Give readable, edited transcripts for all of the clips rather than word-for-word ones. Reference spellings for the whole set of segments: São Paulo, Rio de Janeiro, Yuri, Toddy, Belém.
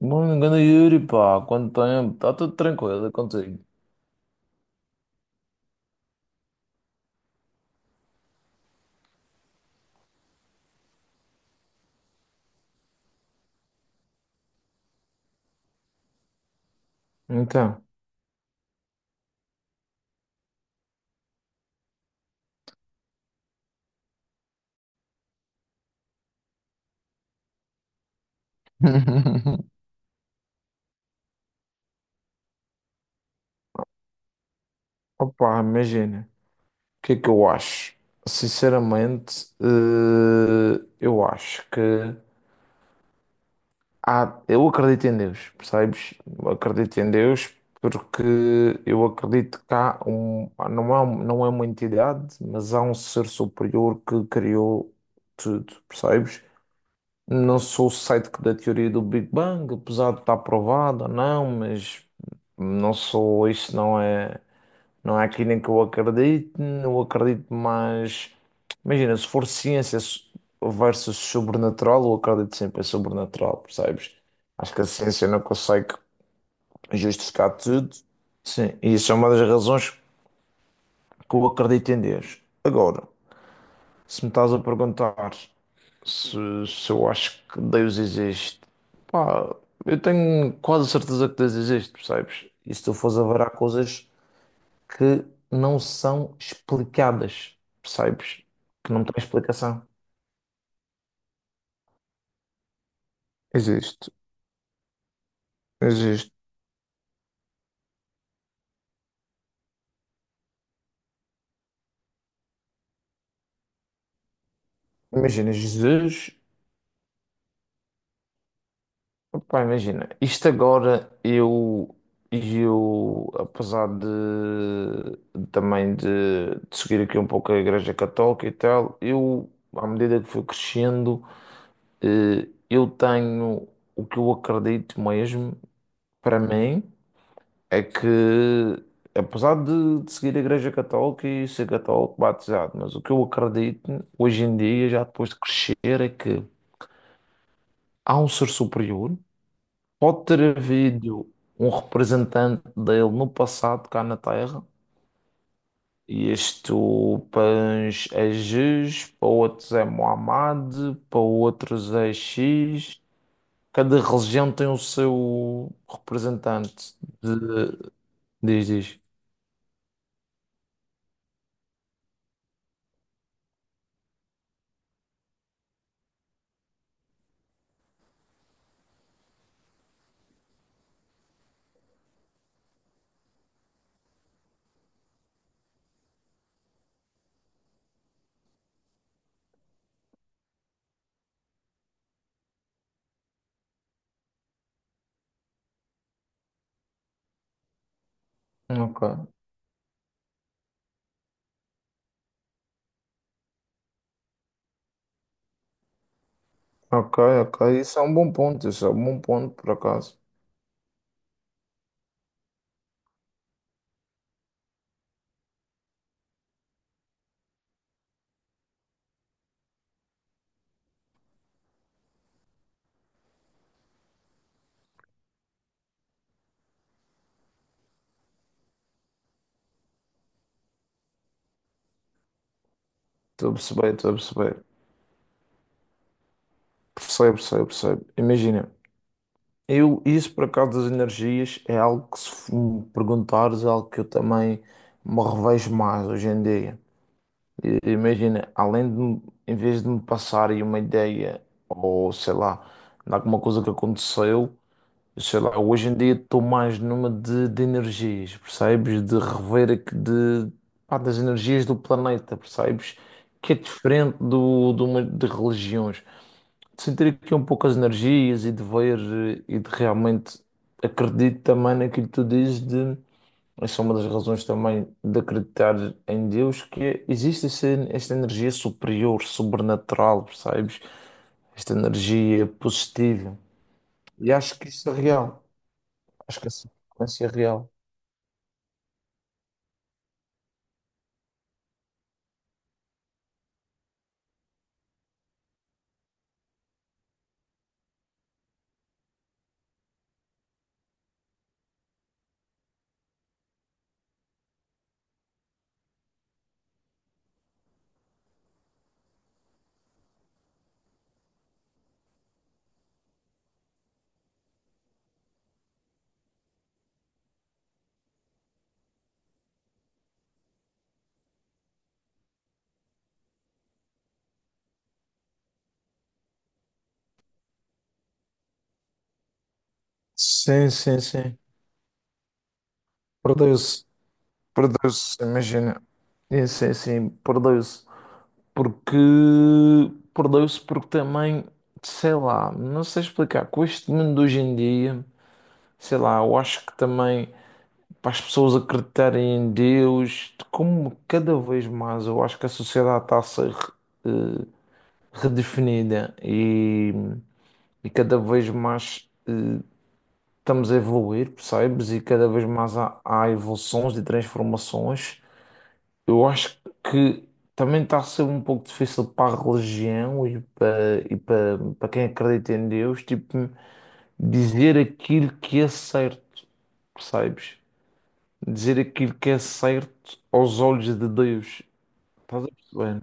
Bom engano, Yuri, pá, quanto tempo? Está tudo tranquilo, é contigo. Então, opá, imagina, o que é que eu acho? Sinceramente, eu acho que há, eu acredito em Deus, percebes? Eu acredito em Deus porque eu acredito que há um- não é uma entidade, mas há um ser superior que criou tudo, percebes? Não sou cético da teoria do Big Bang, apesar de estar provada. Não, mas não sou, isso não é, não é aquilo em que eu acredito mais, imagina, se for ciência s- versus sobrenatural, eu acredito sempre em sobrenatural, percebes? Acho que a ciência não consegue justificar tudo, sim, e isso é uma das razões que eu acredito em Deus. Agora, se me estás a perguntar se, se eu acho que Deus existe, pá, eu tenho quase certeza que Deus existe, percebes? E se tu fores a ver, há coisas que não são explicadas, percebes? Que não têm explicação. Existe, existe. Imagina, Jesus, pá, imagina, isto agora eu apesar de também de seguir aqui um pouco a Igreja Católica e tal, eu, à medida que fui crescendo. Eu tenho o que eu acredito mesmo, para mim, é que, apesar de seguir a Igreja Católica e ser católico batizado, mas o que eu acredito hoje em dia, já depois de crescer, é que há um ser superior, pode ter havido um representante dele no passado, cá na Terra, e isto para uns é Jesus, para outros é Muhammad, para outros é X. Cada religião tem o seu representante. De... Diz, diz. Ok, ok, ok. Isso é um bom ponto. Isso é um bom ponto, por acaso. Estou a perceber, estou a perceber. Percebo, percebo, percebo. Imagina, eu, isso por acaso das energias é algo que, se f- me perguntares, é algo que eu também me revejo mais hoje em dia. E- imagina, além de, me- em vez de me passarem uma ideia, ou sei lá, de alguma coisa que aconteceu. Sei lá, hoje em dia estou mais numa de energias, percebes? De rever aqui de, pá, das energias do planeta, percebes? Que é diferente do, de, uma, de religiões. De sentir aqui um pouco as energias e de ver e de realmente acredito também naquilo que tu dizes de essa é uma das razões também de acreditar em Deus, que é- existe essa- esta energia superior, sobrenatural, percebes? Esta energia positiva. E acho que isso é real. Acho que a sequência real. Sim, sim, sim. Perdeu-se. Perdeu-se, imagina. É, sim, sim, perdeu-se. Porque. Perdeu-se porque também, sei lá, não sei explicar. Com este mundo de hoje em dia, sei lá, eu acho que também para as pessoas acreditarem em Deus, como cada vez mais eu acho que a sociedade está a ser eh, redefinida e cada vez mais. Estamos a evoluir, percebes? E cada vez mais há, há evoluções e transformações. Eu acho que também está a ser um pouco difícil para a religião e para, para quem acredita em Deus, tipo, dizer aquilo que é certo, percebes? Dizer aquilo que é certo aos olhos de Deus. Estás a perceber?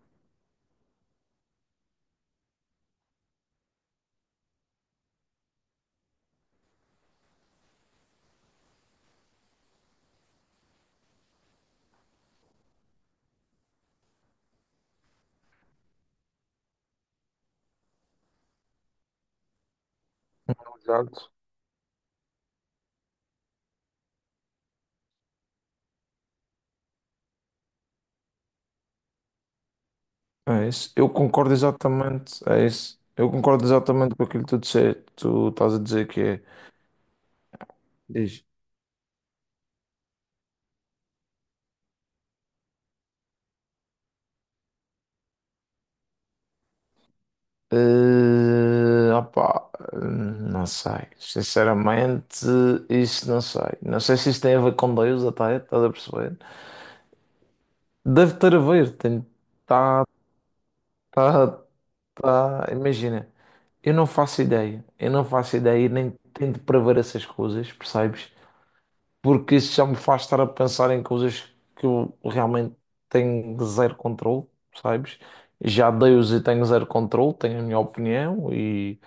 Exato. É isso. Eu concordo exatamente. É isso. Eu concordo exatamente com aquilo que tu disseste. Tu estás a dizer que é. Opá, não sei. Sinceramente, isso não sei. Não sei se isso tem a ver com Deus, até, estás a perceber? Deve ter a ver. Tem, tá, tá, tá. Imagina, eu não faço ideia. Eu não faço ideia e nem tento prever essas coisas, percebes? Porque isso já me faz estar a pensar em coisas que eu realmente tenho zero controle, percebes? Já Deus e tenho zero controle, tenho a minha opinião e.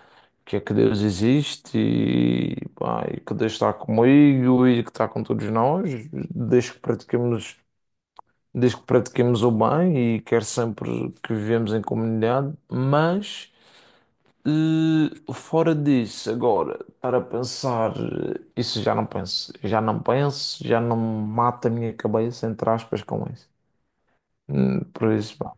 Que é que Deus existe e, pá, e que Deus está comigo e que está com todos nós, desde que pratiquemos, desde que pratiquemos o bem e quer sempre que vivemos em comunidade, mas fora disso, agora, estar a pensar, isso já não penso, já não penso, já não mata a minha cabeça, entre aspas, com isso. Por isso, pá.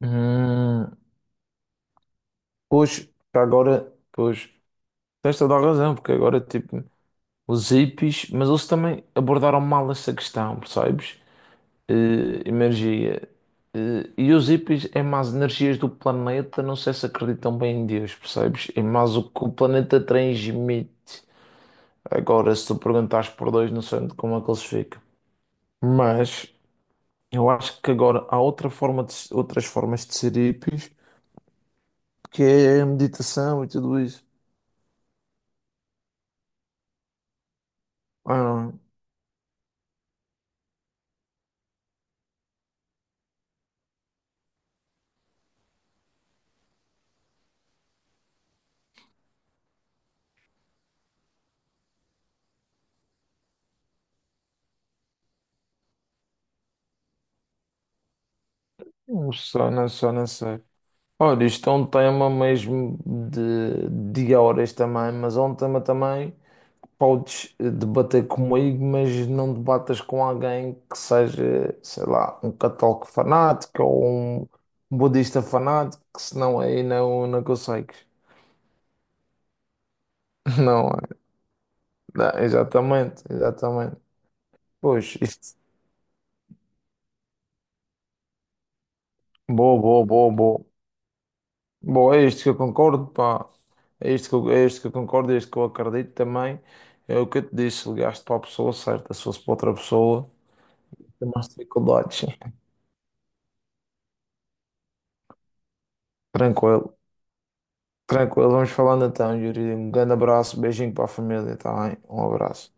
Hum, pois, agora, pois, tens toda a razão, porque agora, tipo. Os hippies, mas eles também abordaram mal essa questão, percebes? Energia. E os hippies é mais energias do planeta, não sei se acreditam bem em Deus, percebes? É mais o que o planeta transmite. Agora, se tu perguntares por dois, não sei onde- como é que eles ficam. Mas eu acho que agora há outra forma de, se- outras formas de ser hippies, que é a meditação e tudo isso. Ah, não sei, não sei, não sei. Olha, isto é um tema mesmo de horas também, mas é um tema também que podes debater comigo, mas não debatas com alguém que seja, sei lá, um católico fanático ou um budista fanático, que senão aí não, não consegues. Não, é? Não, exatamente, exatamente. Pois, isto. Boa, boa, boa, boa. Bom, é isto que eu concordo, pá. É isto que eu, é isto que eu concordo, é isto que eu acredito também. É o que eu te disse, ligaste para a pessoa certa, se fosse para outra pessoa, tem mais dificuldades. Tranquilo, tranquilo. Vamos falando então, Yuri. Um grande abraço, beijinho para a família, tá bem? Um abraço.